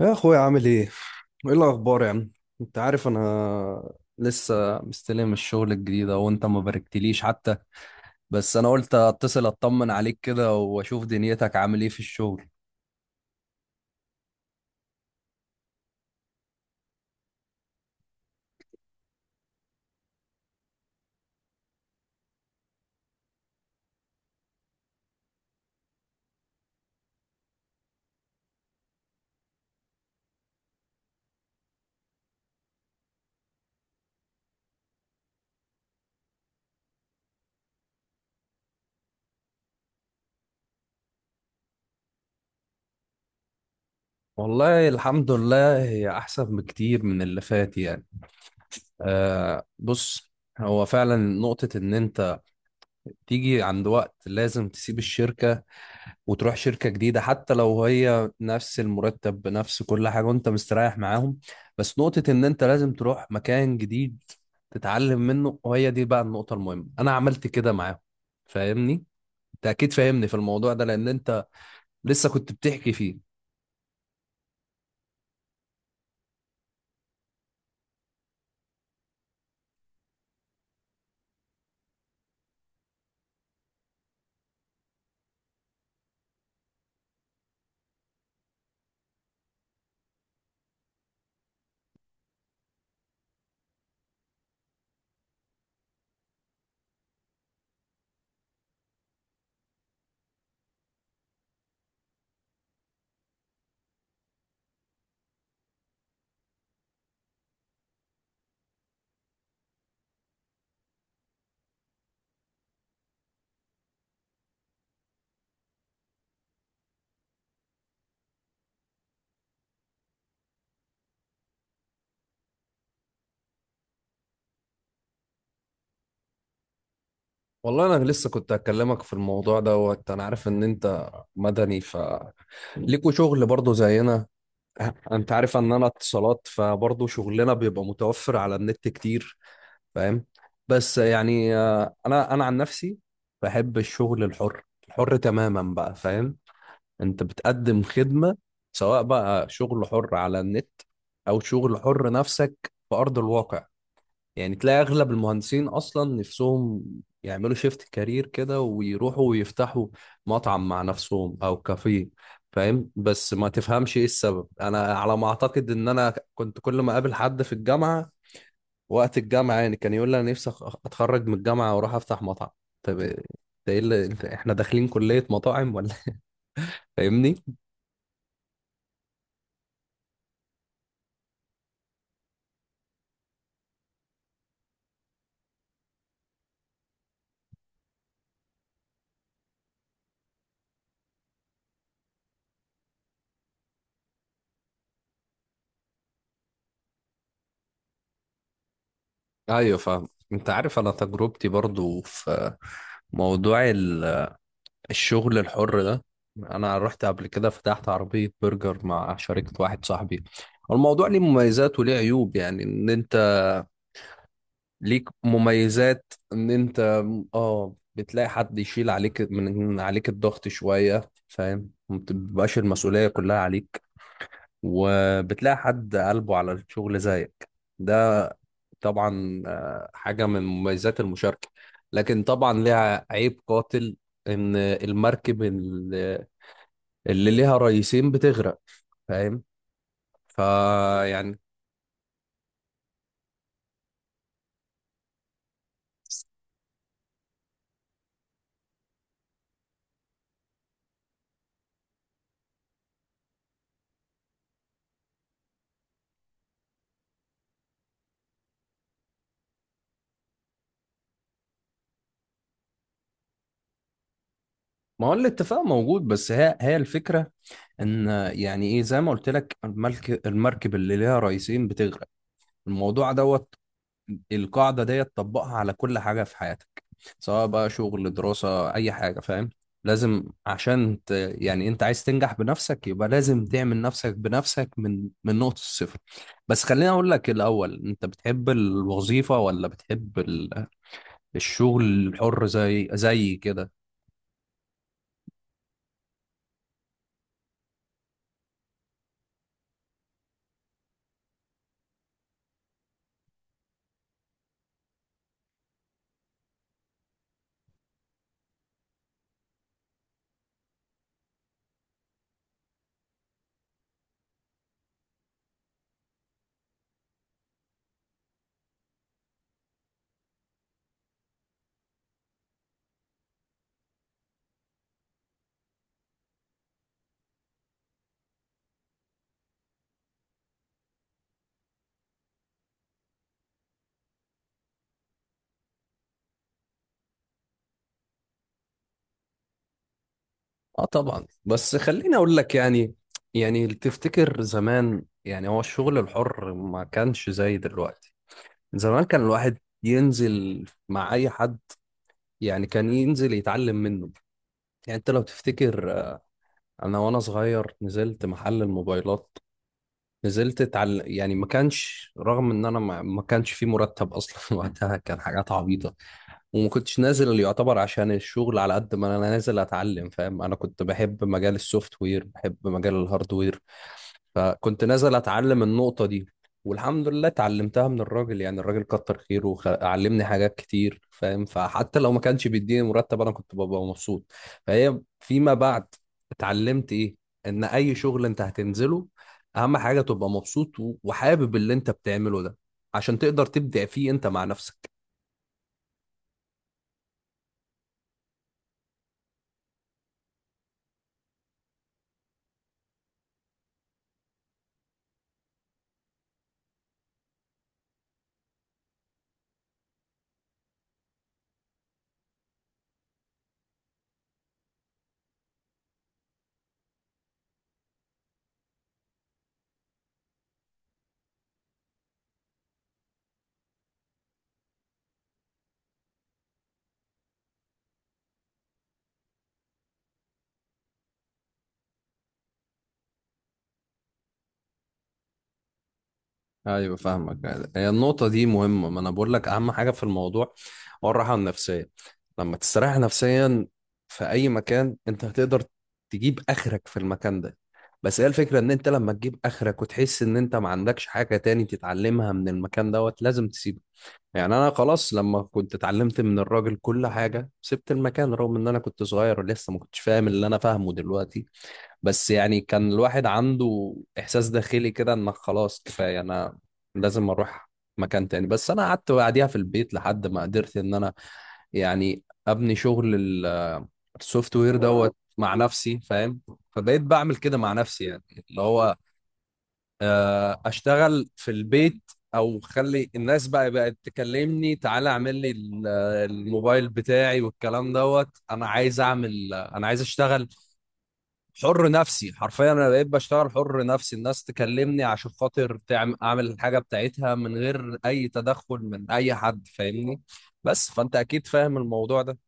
يا اخويا عامل ايه؟ ايه الاخبار يا عم؟ انت عارف انا لسه مستلم الشغل الجديد أهو، وانت ما باركتليش حتى. بس انا قلت اتصل اطمن عليك كده واشوف دنيتك عامل ايه في الشغل. والله الحمد لله هي احسن بكتير من اللي فات يعني. آه، بص، هو فعلا نقطة ان انت تيجي عند وقت لازم تسيب الشركة وتروح شركة جديدة حتى لو هي نفس المرتب بنفس كل حاجة وانت مستريح معاهم. بس نقطة ان انت لازم تروح مكان جديد تتعلم منه، وهي دي بقى النقطة المهمة. انا عملت كده معاهم، فاهمني؟ انت اكيد فاهمني في الموضوع ده لان انت لسه كنت بتحكي فيه. والله انا لسه كنت هكلمك في الموضوع دوت. انا عارف ان انت مدني، ف ليكوا شغل برضه زينا. انت عارف ان انا اتصالات، فبرضه شغلنا بيبقى متوفر على النت كتير، فاهم؟ بس يعني انا عن نفسي بحب الشغل الحر، الحر تماما بقى، فاهم؟ انت بتقدم خدمة سواء بقى شغل حر على النت او شغل حر نفسك في ارض الواقع. يعني تلاقي اغلب المهندسين اصلا نفسهم يعملوا شيفت كارير كده ويروحوا ويفتحوا مطعم مع نفسهم او كافيه، فاهم؟ بس ما تفهمش ايه السبب. انا على ما اعتقد ان انا كنت كل ما اقابل حد في الجامعة وقت الجامعة، يعني كان يقول لي أنا نفسي أتخرج من الجامعة وأروح أفتح مطعم. طب إيه- ده إيه اللي أنت، إحنا داخلين كلية مطاعم ولا إيه؟ فاهمني؟ أيوه فاهم. أنت عارف أنا تجربتي برضو في موضوع الشغل الحر ده، أنا رحت قبل كده فتحت عربية برجر مع شركة واحد صاحبي. الموضوع ليه مميزات وليه عيوب. يعني إن أنت ليك مميزات ان انت اه بتلاقي حد يشيل عليك من عليك الضغط شوية، فاهم؟ ما بتبقاش المسؤولية كلها عليك، وبتلاقي حد قلبه على الشغل زيك. ده طبعا آه، حاجة من مميزات المشاركة. لكن طبعا ليها عيب قاتل، ان اللي ليها رئيسين بتغرق، فاهم؟ فيعني ما هو الاتفاق موجود. بس هي الفكرة ان يعني ايه، زي ما قلت لك، الملك المركب اللي ليها رئيسين بتغرق. الموضوع دوت، القاعدة ديت طبقها على كل حاجة في حياتك سواء بقى شغل، دراسة، اي حاجة، فاهم؟ لازم عشان يعني انت عايز تنجح بنفسك، يبقى لازم تعمل نفسك بنفسك من نقطة الصفر. بس خليني اقول لك الاول، انت بتحب الوظيفة ولا بتحب الشغل الحر زي كده؟ اه طبعا. بس خليني اقول لك يعني، يعني تفتكر زمان، يعني هو الشغل الحر ما كانش زي دلوقتي. زمان كان الواحد ينزل مع اي حد، يعني كان ينزل يتعلم منه. يعني انت لو تفتكر آه، انا وانا صغير نزلت محل الموبايلات، نزلت اتعلم. يعني ما كانش، رغم ان انا ما كانش في مرتب اصلا وقتها، كان حاجات عبيطة. وما كنتش نازل اللي يعتبر عشان الشغل، على قد ما انا نازل اتعلم، فاهم؟ انا كنت بحب مجال السوفت وير، بحب مجال الهارد وير، فكنت نازل اتعلم النقطة دي، والحمد لله اتعلمتها من الراجل. يعني الراجل كتر خيره وعلمني حاجات كتير، فاهم؟ فحتى لو ما كانش بيديني مرتب، انا كنت ببقى مبسوط. فهي فيما بعد اتعلمت ايه، ان اي شغل انت هتنزله اهم حاجة تبقى مبسوط وحابب اللي انت بتعمله ده، عشان تقدر تبدع فيه انت مع نفسك. ايوه فاهمك. هي النقطه دي مهمه. ما انا بقول لك اهم حاجه في الموضوع هو الراحه النفسيه. لما تستريح نفسيا في اي مكان، انت هتقدر تجيب اخرك في المكان ده. بس هي الفكره ان انت لما تجيب اخرك وتحس ان انت ما عندكش حاجه تاني تتعلمها من المكان دوت، لازم تسيبه. يعني انا خلاص لما كنت اتعلمت من الراجل كل حاجه سبت المكان، رغم ان انا كنت صغير ولسه ما كنتش فاهم اللي انا فاهمه دلوقتي. بس يعني كان الواحد عنده إحساس داخلي كده إنك خلاص كفاية، أنا لازم أروح مكان تاني. بس أنا قعدت بعديها في البيت لحد ما قدرت إن أنا يعني أبني شغل السوفت وير دوت مع نفسي، فاهم؟ فبقيت بعمل كده مع نفسي، يعني اللي هو آه، أشتغل في البيت أو خلي الناس بقى بقت تكلمني تعالى اعمل لي الموبايل بتاعي والكلام دوت. أنا عايز أعمل، أنا عايز أشتغل حر نفسي. حرفيا انا بقيت بشتغل حر نفسي، الناس تكلمني عشان خاطر تعمل، اعمل الحاجه بتاعتها من غير اي تدخل من اي حد، فاهمني؟ بس فانت اكيد فاهم الموضوع ده.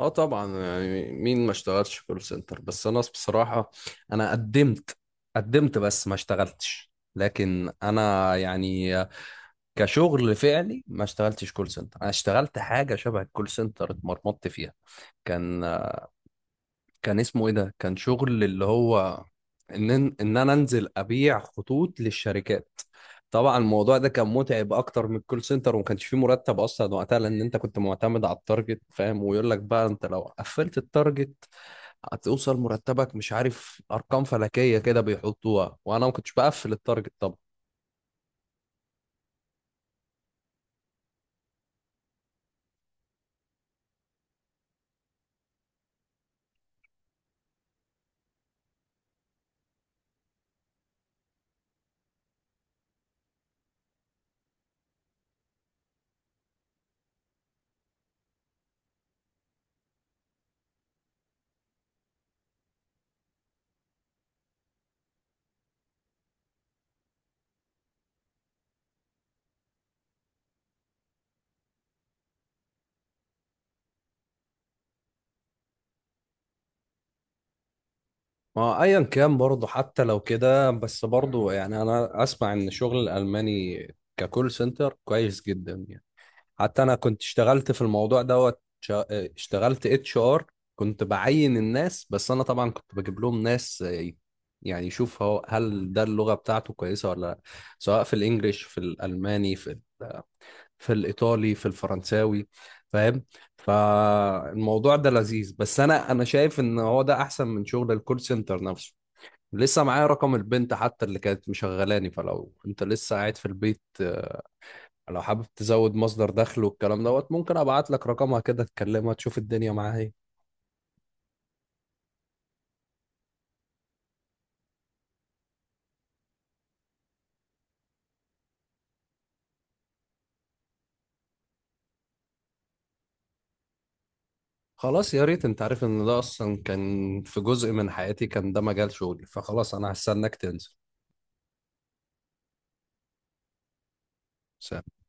اه طبعا، يعني مين ما اشتغلش كول سنتر. بس انا بصراحة انا قدمت بس ما اشتغلتش. لكن انا يعني كشغل فعلي ما اشتغلتش كول سنتر. انا اشتغلت حاجة شبه الكول سنتر اتمرمطت فيها. كان كان اسمه ايه ده، كان شغل اللي هو ان ان انا انزل ابيع خطوط للشركات. طبعا الموضوع ده كان متعب اكتر من الكول سنتر، وما كانش فيه مرتب اصلا وقتها لان انت كنت معتمد على التارجت، فاهم؟ ويقول لك بقى انت لو قفلت التارجت هتوصل مرتبك مش عارف، ارقام فلكيه كده بيحطوها، وانا ما كنتش بقفل التارجت طبعا. ما ايا كان برضه، حتى لو كده، بس برضه يعني انا اسمع ان شغل الالماني ككول سنتر كويس جدا يعني. حتى انا كنت اشتغلت في الموضوع دوت، اشتغلت اتش ار، كنت بعين الناس. بس انا طبعا كنت بجيب لهم ناس آه، يعني يشوف هو هل ده اللغة بتاعته كويسة ولا لا، سواء في الانجليش، في الالماني، في الايطالي، في الفرنساوي، فاهم؟ فالموضوع ده لذيذ، بس انا شايف ان هو ده احسن من شغل الكول سنتر نفسه. لسه معايا رقم البنت حتى اللي كانت مشغلاني، فلو انت لسه قاعد في البيت، لو حابب تزود مصدر دخل والكلام دوت، ممكن ابعت لك رقمها كده تكلمها تشوف الدنيا معاها ايه. خلاص يا ريت. انت عارف ان ده اصلا كان في جزء من حياتي، كان ده مجال شغلي. فخلاص انا هستناك تنزل. سلام.